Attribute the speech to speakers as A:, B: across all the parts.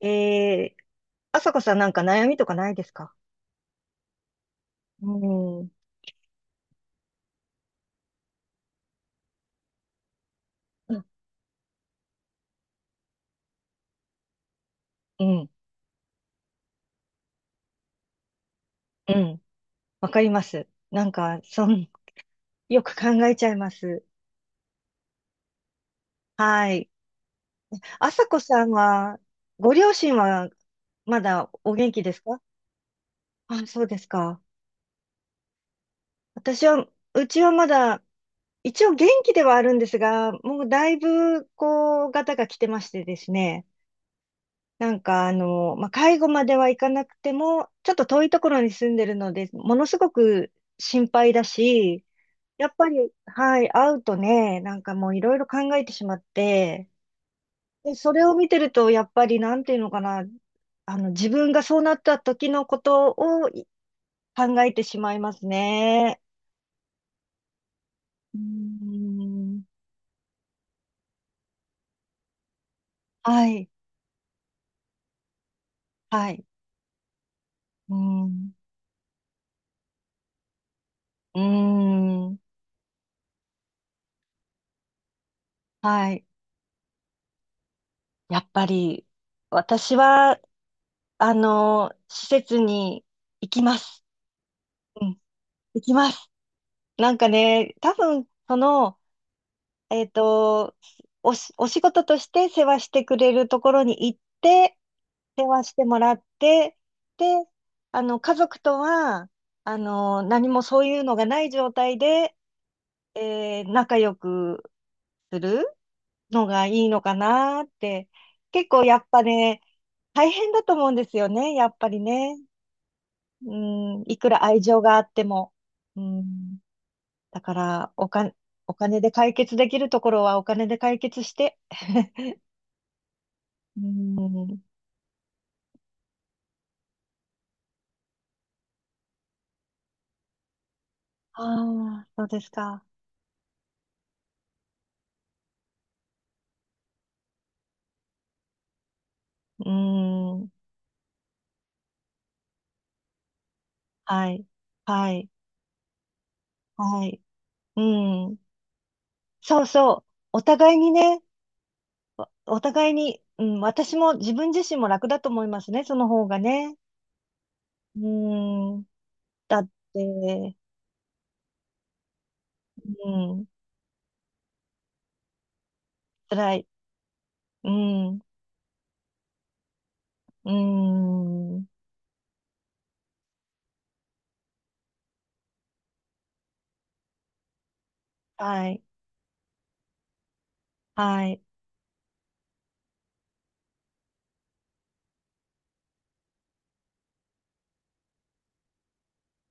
A: えー、あさこさん、なんか悩みとかないですか？うん。うんうん。うん。わかります。なんか、よく考えちゃいます。はい。あさこさんは、ご両親はまだお元気ですか？あ、そうですか。私は、うちはまだ、一応元気ではあるんですが、もうだいぶ、こう、ガタが来てましてですね。なんかあの、まあ、介護まではいかなくても、ちょっと遠いところに住んでるので、ものすごく心配だし、やっぱり、はい、会うとね、なんかもういろいろ考えてしまって、で、それを見てると、やっぱりなんていうのかな、あの、自分がそうなった時のことを考えてしまいますね。うーん。はい。はい。うーん。うーん。はい。やっぱり、私は、あの、施設に行きます。うん、行きます。なんかね、多分、その、えっと、お仕事として世話してくれるところに行って、世話してもらって、で、あの、家族とは、あの、何もそういうのがない状態で、仲良くするのがいいのかなって、結構やっぱね、大変だと思うんですよね、やっぱりね。うん、いくら愛情があっても、うん、だから、お金で解決できるところはお金で解決して、うん。ああ、そうですか。うん。はい。はい。はい。うん。そうそう、お互いにね、お互いに、うん、私も自分自身も楽だと思いますね、その方がね。うん。だって、うん、辛い、うん。うん。はい。はい。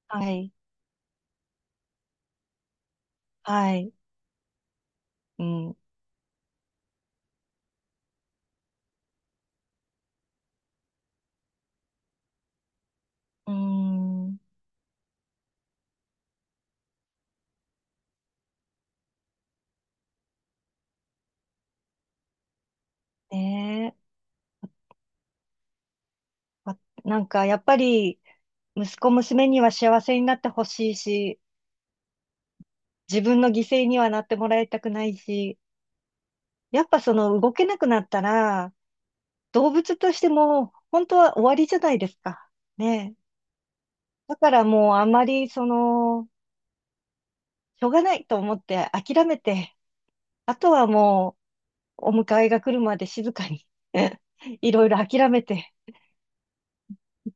A: はい。はい。うん。うーん。ねえ。わなんかやっぱり息子娘には幸せになってほしいし、自分の犠牲にはなってもらいたくないし、やっぱその動けなくなったら、動物としても本当は終わりじゃないですか。ねえ。だからもうあんまりその、しょうがないと思って諦めて、あとはもうお迎えが来るまで静かに いろいろ諦めて、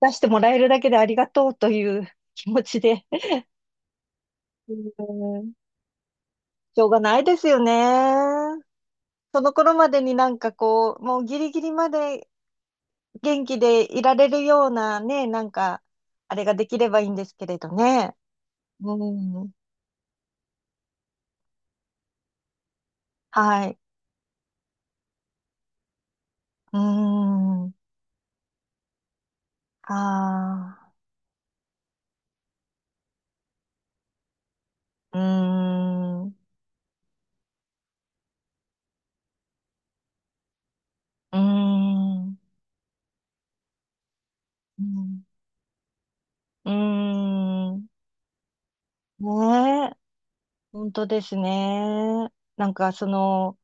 A: 出してもらえるだけでありがとうという気持ちで。うん。しょうがないですよね。その頃までになんかこう、もうギリギリまで元気でいられるようなね、なんか、あれができればいいんですけれどね。うん。はい。うん。ああ。うん。うん。うん。うん。ねえ。本当ですね。なんかその、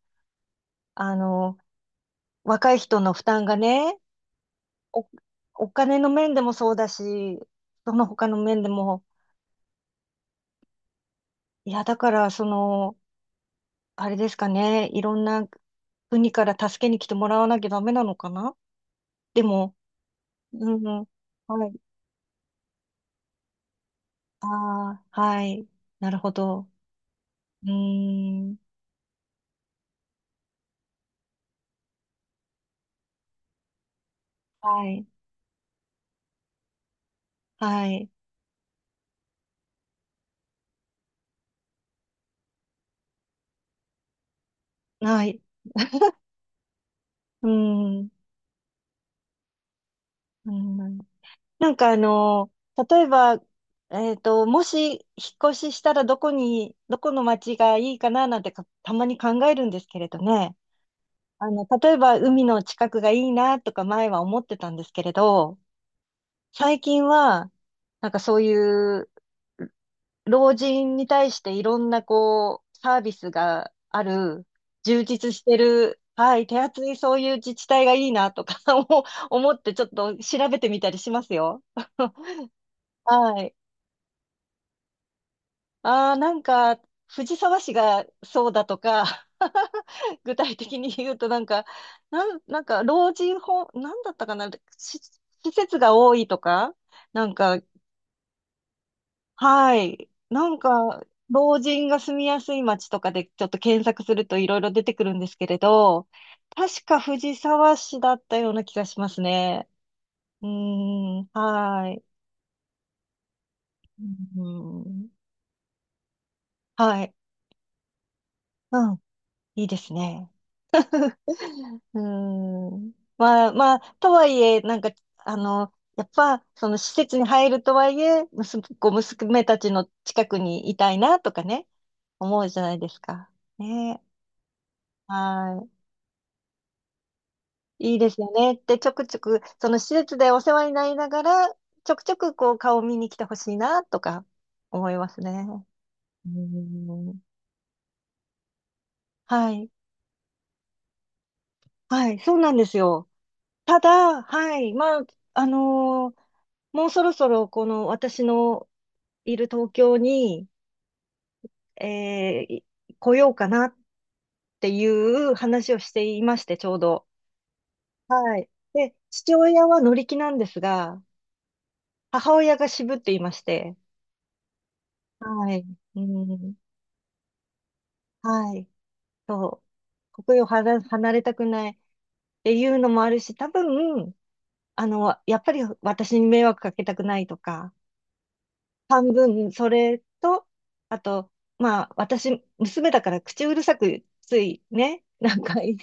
A: あの、若い人の負担がね、お、お金の面でもそうだし、その他の面でも、いや、だから、その、あれですかね、いろんな国から助けに来てもらわなきゃダメなのかな。でも、うん。はい。ああ、はい、なるほど。うーん。はい。はい。はい。うーん。うん。なんかあの、例えば、もし引っ越ししたらどこに、どこの町がいいかななんてか、たまに考えるんですけれどね。あの、例えば海の近くがいいなとか前は思ってたんですけれど、最近は、なんかそういう老人に対していろんなこう、サービスがある、充実してる、はい、手厚いそういう自治体がいいなとか 思ってちょっと調べてみたりしますよ。はい。ああ、なんか、藤沢市がそうだとか、具体的に言うとなんか、なんか、老人ホーム、なんだったかな、し施設が多いとか、なんか、はい、なんか、老人が住みやすい街とかでちょっと検索するといろいろ出てくるんですけれど、確か藤沢市だったような気がしますね。うーん。はい。うん。はい。うん、いいですね。うーん。まあまあ、とはいえ、なんか、あの、やっぱ、その施設に入るとはいえ、息子、こう娘たちの近くにいたいなとかね、思うじゃないですか。ね。はい。いいですよね。で、ちょくちょく、その施設でお世話になりながら、ちょくちょくこう顔を見に来てほしいなとか思いますね。うーん。はい。はい。そうなんですよ。ただ、はい、まあ、あのーもうそろそろこの私のいる東京に、えーい来ようかなっていう話をしていまして、ちょうど。はい。で、父親は乗り気なんですが、母親が渋っていまして、はい、うん、はい、そう、ここよ離れたくないっていうのもあるし、多分、あの、やっぱり私に迷惑かけたくないとか、半分、それと、あと、まあ、私、娘だから口うるさく、ついね、なんか、ね、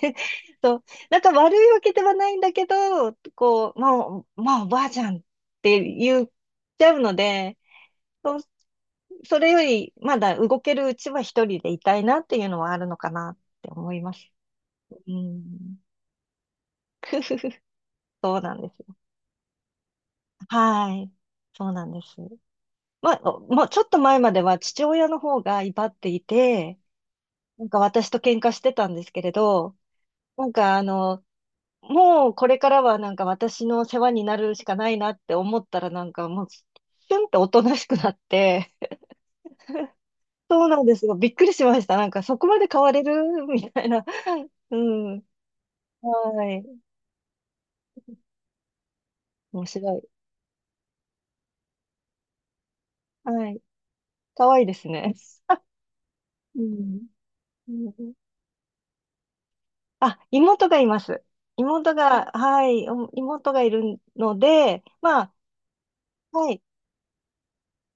A: そう、なんか悪いわけではないんだけど、こう、もう、まあ、おばあちゃんって言っちゃうので、そう、それより、まだ動けるうちは一人でいたいなっていうのはあるのかなって思います。うん。そうなんですよ。はい。そうなんです。まあ、おもうちょっと前までは父親の方が威張っていて、なんか私と喧嘩してたんですけれど、なんかあの、もうこれからはなんか私の世話になるしかないなって思ったらなんかもう、シュンっておとなしくなって、そうなんですよ。びっくりしました。なんかそこまで変われるみたいな。うん。はい。面白い。はい。可愛いですね。うん。うん。あ、妹がいます。妹が、はい、お妹がいるので、まあ、はい、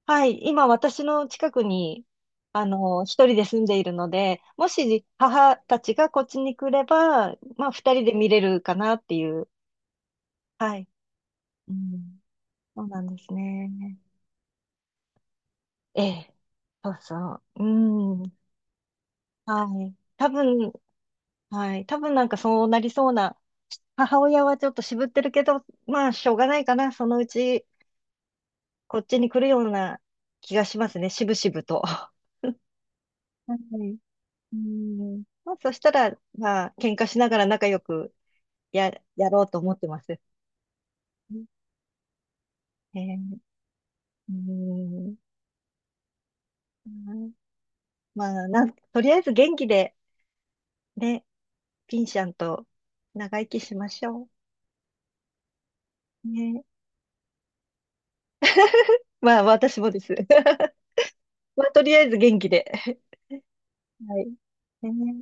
A: はい、今私の近くに、あの、一人で住んでいるので、もし母たちがこっちに来れば、まあ二人で見れるかなっていう。はい。うん、そうなんですね。ええ。そうそう。うん。はい。多分、はい。多分なんかそうなりそうな。母親はちょっと渋ってるけど、まあしょうがないかな。そのうちこっちに来るような気がしますね。渋々と。はいうん。まあ、そしたら、まあ、喧嘩しながら仲良くや、やろうと思ってます。えー、うん。まあ、とりあえず元気で、ね、ピンシャンと長生きしましょう。ね。まあ、私もです。まあ、とりあえず元気で。はい。ね。